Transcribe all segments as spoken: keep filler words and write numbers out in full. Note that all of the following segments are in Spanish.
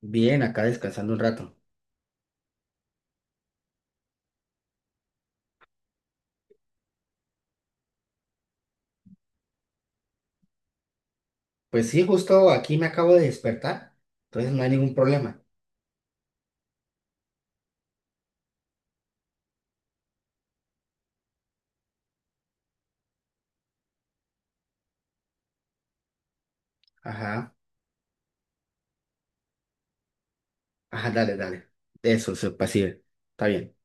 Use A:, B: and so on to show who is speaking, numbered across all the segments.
A: Bien, acá descansando un rato. Pues sí, justo aquí me acabo de despertar, entonces no hay ningún problema. Ajá, ajá, dale, dale. Eso, eso, pasivo. Está bien.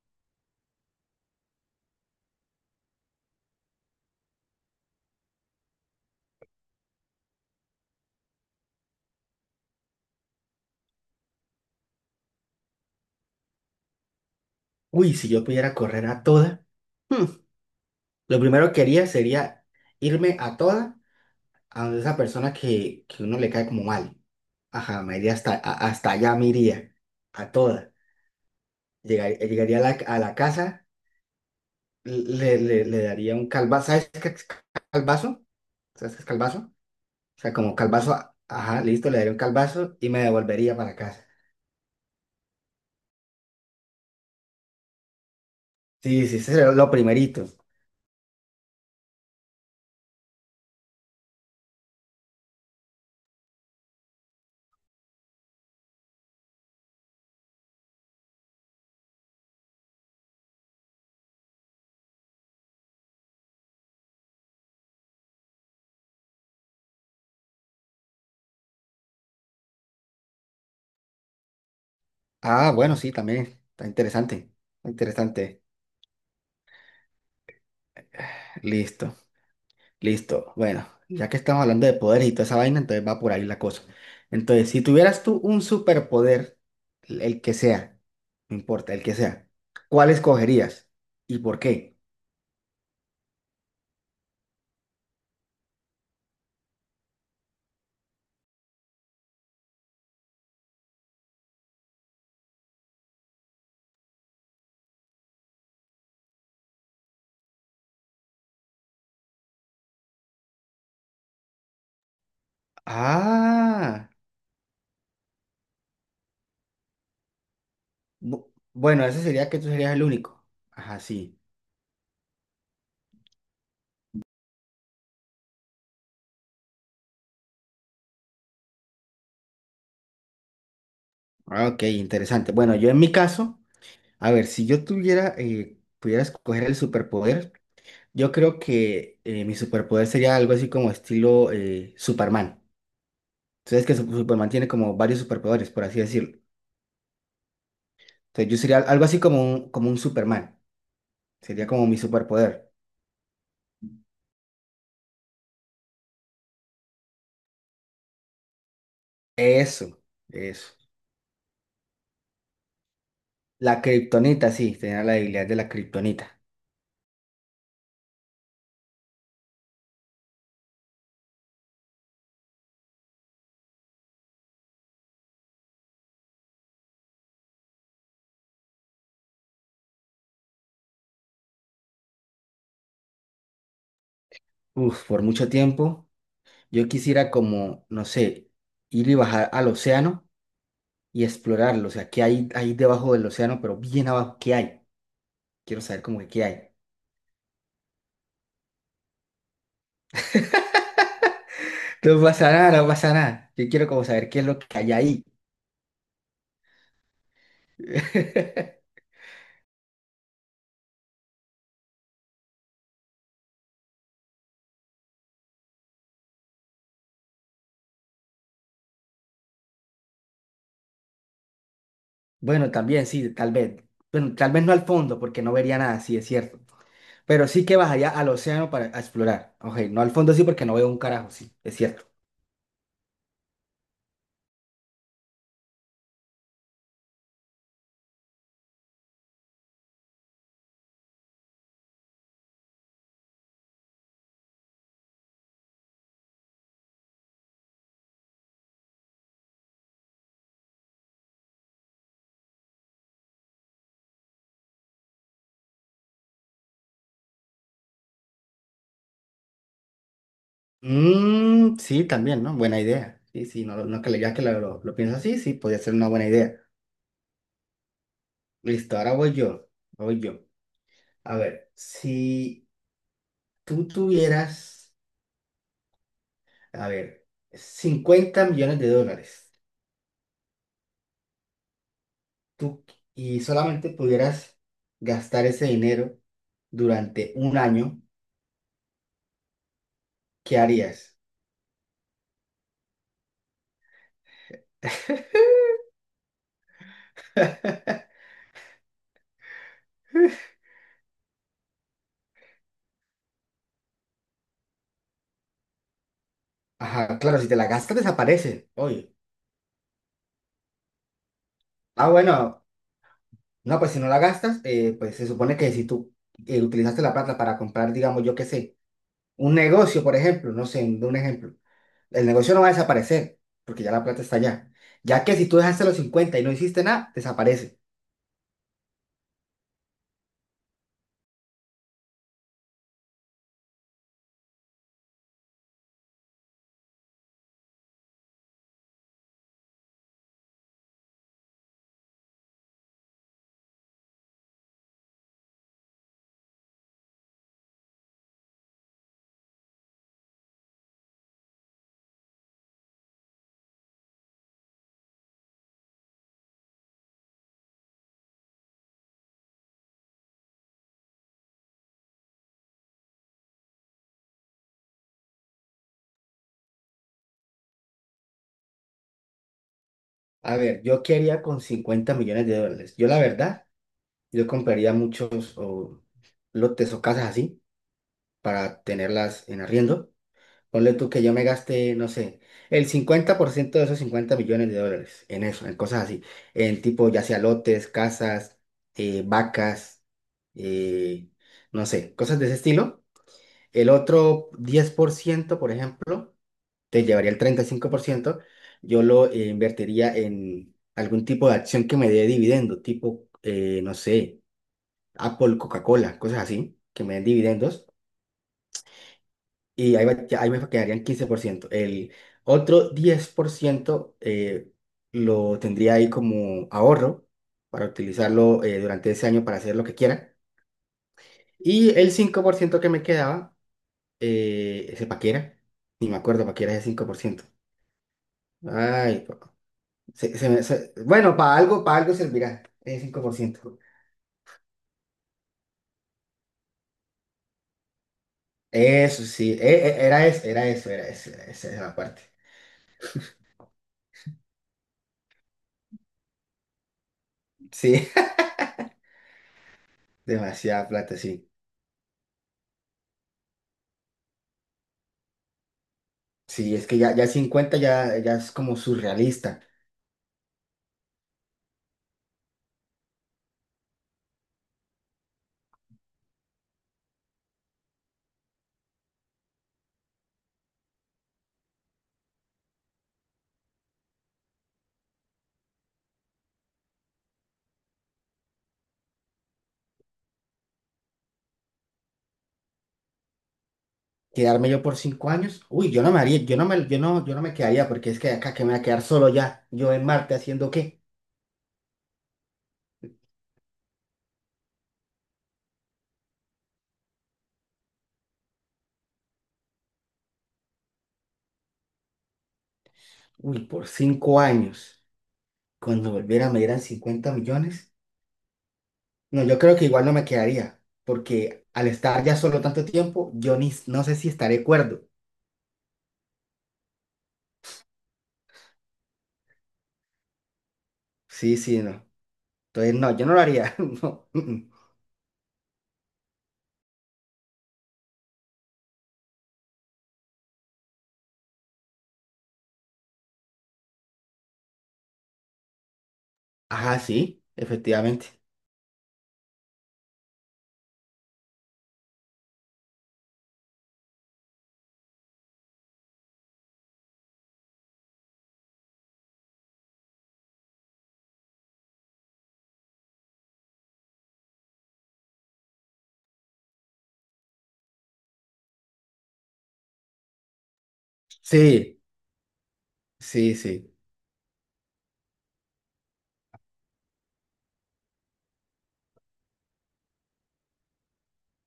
A: Uy, si yo pudiera correr a toda, hmm, lo primero que haría sería irme a toda a donde esa persona que, que uno le cae como mal. Ajá, me iría hasta, a- hasta allá, me iría a toda. Llegar- llegaría a la, a la casa, le, le, le daría un calvazo. ¿Sabes qué es calvazo? ¿Sabes qué es calvazo? O sea, como calvazo, a- ajá, listo, le daría un calvazo y me devolvería para casa. Sí, sí, ese sería lo primerito. Ah, bueno, sí, también. Está interesante. Está interesante. Listo, listo. Bueno, ya que estamos hablando de poderes y toda esa vaina, entonces va por ahí la cosa. Entonces, si tuvieras tú un superpoder, el el que sea, no importa, el que sea, ¿cuál escogerías y por qué? Ah, bu- bueno, eso sería que tú serías el único. Ajá, sí. Ah, ok, interesante. Bueno, yo en mi caso. A ver, si yo tuviera, eh, pudiera escoger el superpoder, yo creo que eh, mi superpoder sería algo así como estilo eh, Superman. Entonces, que Sup- Superman tiene como varios superpoderes, por así decirlo. Entonces, yo sería algo así como un, como un Superman. Sería como mi superpoder. Eso, eso. La kriptonita, sí, tenía la debilidad de la kriptonita. Uf, por mucho tiempo, yo quisiera como, no sé, ir y bajar al océano y explorarlo. O sea, qué hay ahí debajo del océano, pero bien abajo, ¿qué hay? Quiero saber como que qué hay. No pasa nada, no pasa nada. Yo quiero como saber qué es lo que hay ahí. Bueno, también sí, tal vez. Bueno, tal vez no al fondo, porque no vería nada, sí, es cierto. Pero sí que vas allá al océano para a explorar. Ok, no al fondo sí, porque no veo un carajo, sí, es cierto. Mm, sí, también, ¿no? Buena idea. Sí, sí, no, no que le- ya que lo, lo, lo pienso así, sí, podría ser una buena idea. Listo, ahora voy yo. Voy yo. A ver, si tú tuvieras, a ver, cincuenta millones de dólares. Tú y solamente pudieras gastar ese dinero durante un año, ¿qué harías? Ajá, claro, si te la gastas desaparece, oye. Ah, bueno, no, pues si no la gastas, eh, pues se supone que si tú eh, utilizaste la plata para comprar, digamos, yo qué sé, un negocio, por ejemplo, no sé, de un ejemplo, el negocio no va a desaparecer, porque ya la plata está allá. Ya que si tú dejaste los cincuenta y no hiciste nada, desaparece. A ver, yo qué haría con cincuenta millones de dólares. Yo la verdad. Yo compraría muchos o lotes o casas así para tenerlas en arriendo. Ponle tú que yo me gaste, no sé, el cincuenta por ciento de esos cincuenta millones de dólares en eso, en cosas así. En tipo, ya sea lotes, casas, eh, vacas, eh, no sé, cosas de ese estilo. El otro diez por ciento por ejemplo, te llevaría el treinta y cinco por ciento yo lo eh, invertiría en algún tipo de acción que me dé dividendo, tipo, eh, no sé. Apple, Coca-Cola, cosas así, que me den dividendos y ahí, va- ya ahí me quedarían quince por ciento. El otro diez por ciento eh, lo tendría ahí como ahorro para utilizarlo eh, durante ese año para hacer lo que quiera. Y el cinco por ciento que me quedaba, eh, ese paquera, ni me acuerdo, paquera ese cinco por ciento. Ay, pa- se- se me- se- bueno, para algo, para algo servirá ese cinco por ciento. Eso sí, e- e- era eso, era eso, era eso, era esa era la parte. Sí. Demasiada plata, sí. Sí, es que ya, ya cincuenta ya, ya es como surrealista. Quedarme yo por cinco años, uy, yo no me haría, yo no me, yo no, yo no me quedaría porque es que acá que me voy a quedar solo ya, yo en Marte haciendo qué, uy, por cinco años, cuando volviera me dieran cincuenta millones, no, yo creo que igual no me quedaría, porque al estar ya solo tanto tiempo, yo ni, no sé si estaré cuerdo. Sí, sí, no. Entonces, no, yo no lo haría, no. mm, mm. Ajá, sí, efectivamente. Sí, sí, sí.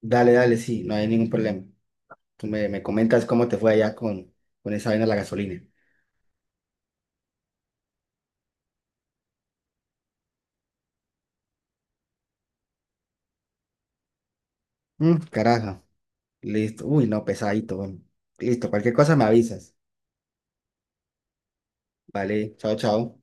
A: Dale, dale, sí, no hay ningún problema. Tú me, me comentas cómo te fue allá con, con esa vaina de la gasolina. Mm, carajo, listo. Uy, no, pesadito. Bueno. Listo, cualquier cosa me avisas. Vale, chao, chao.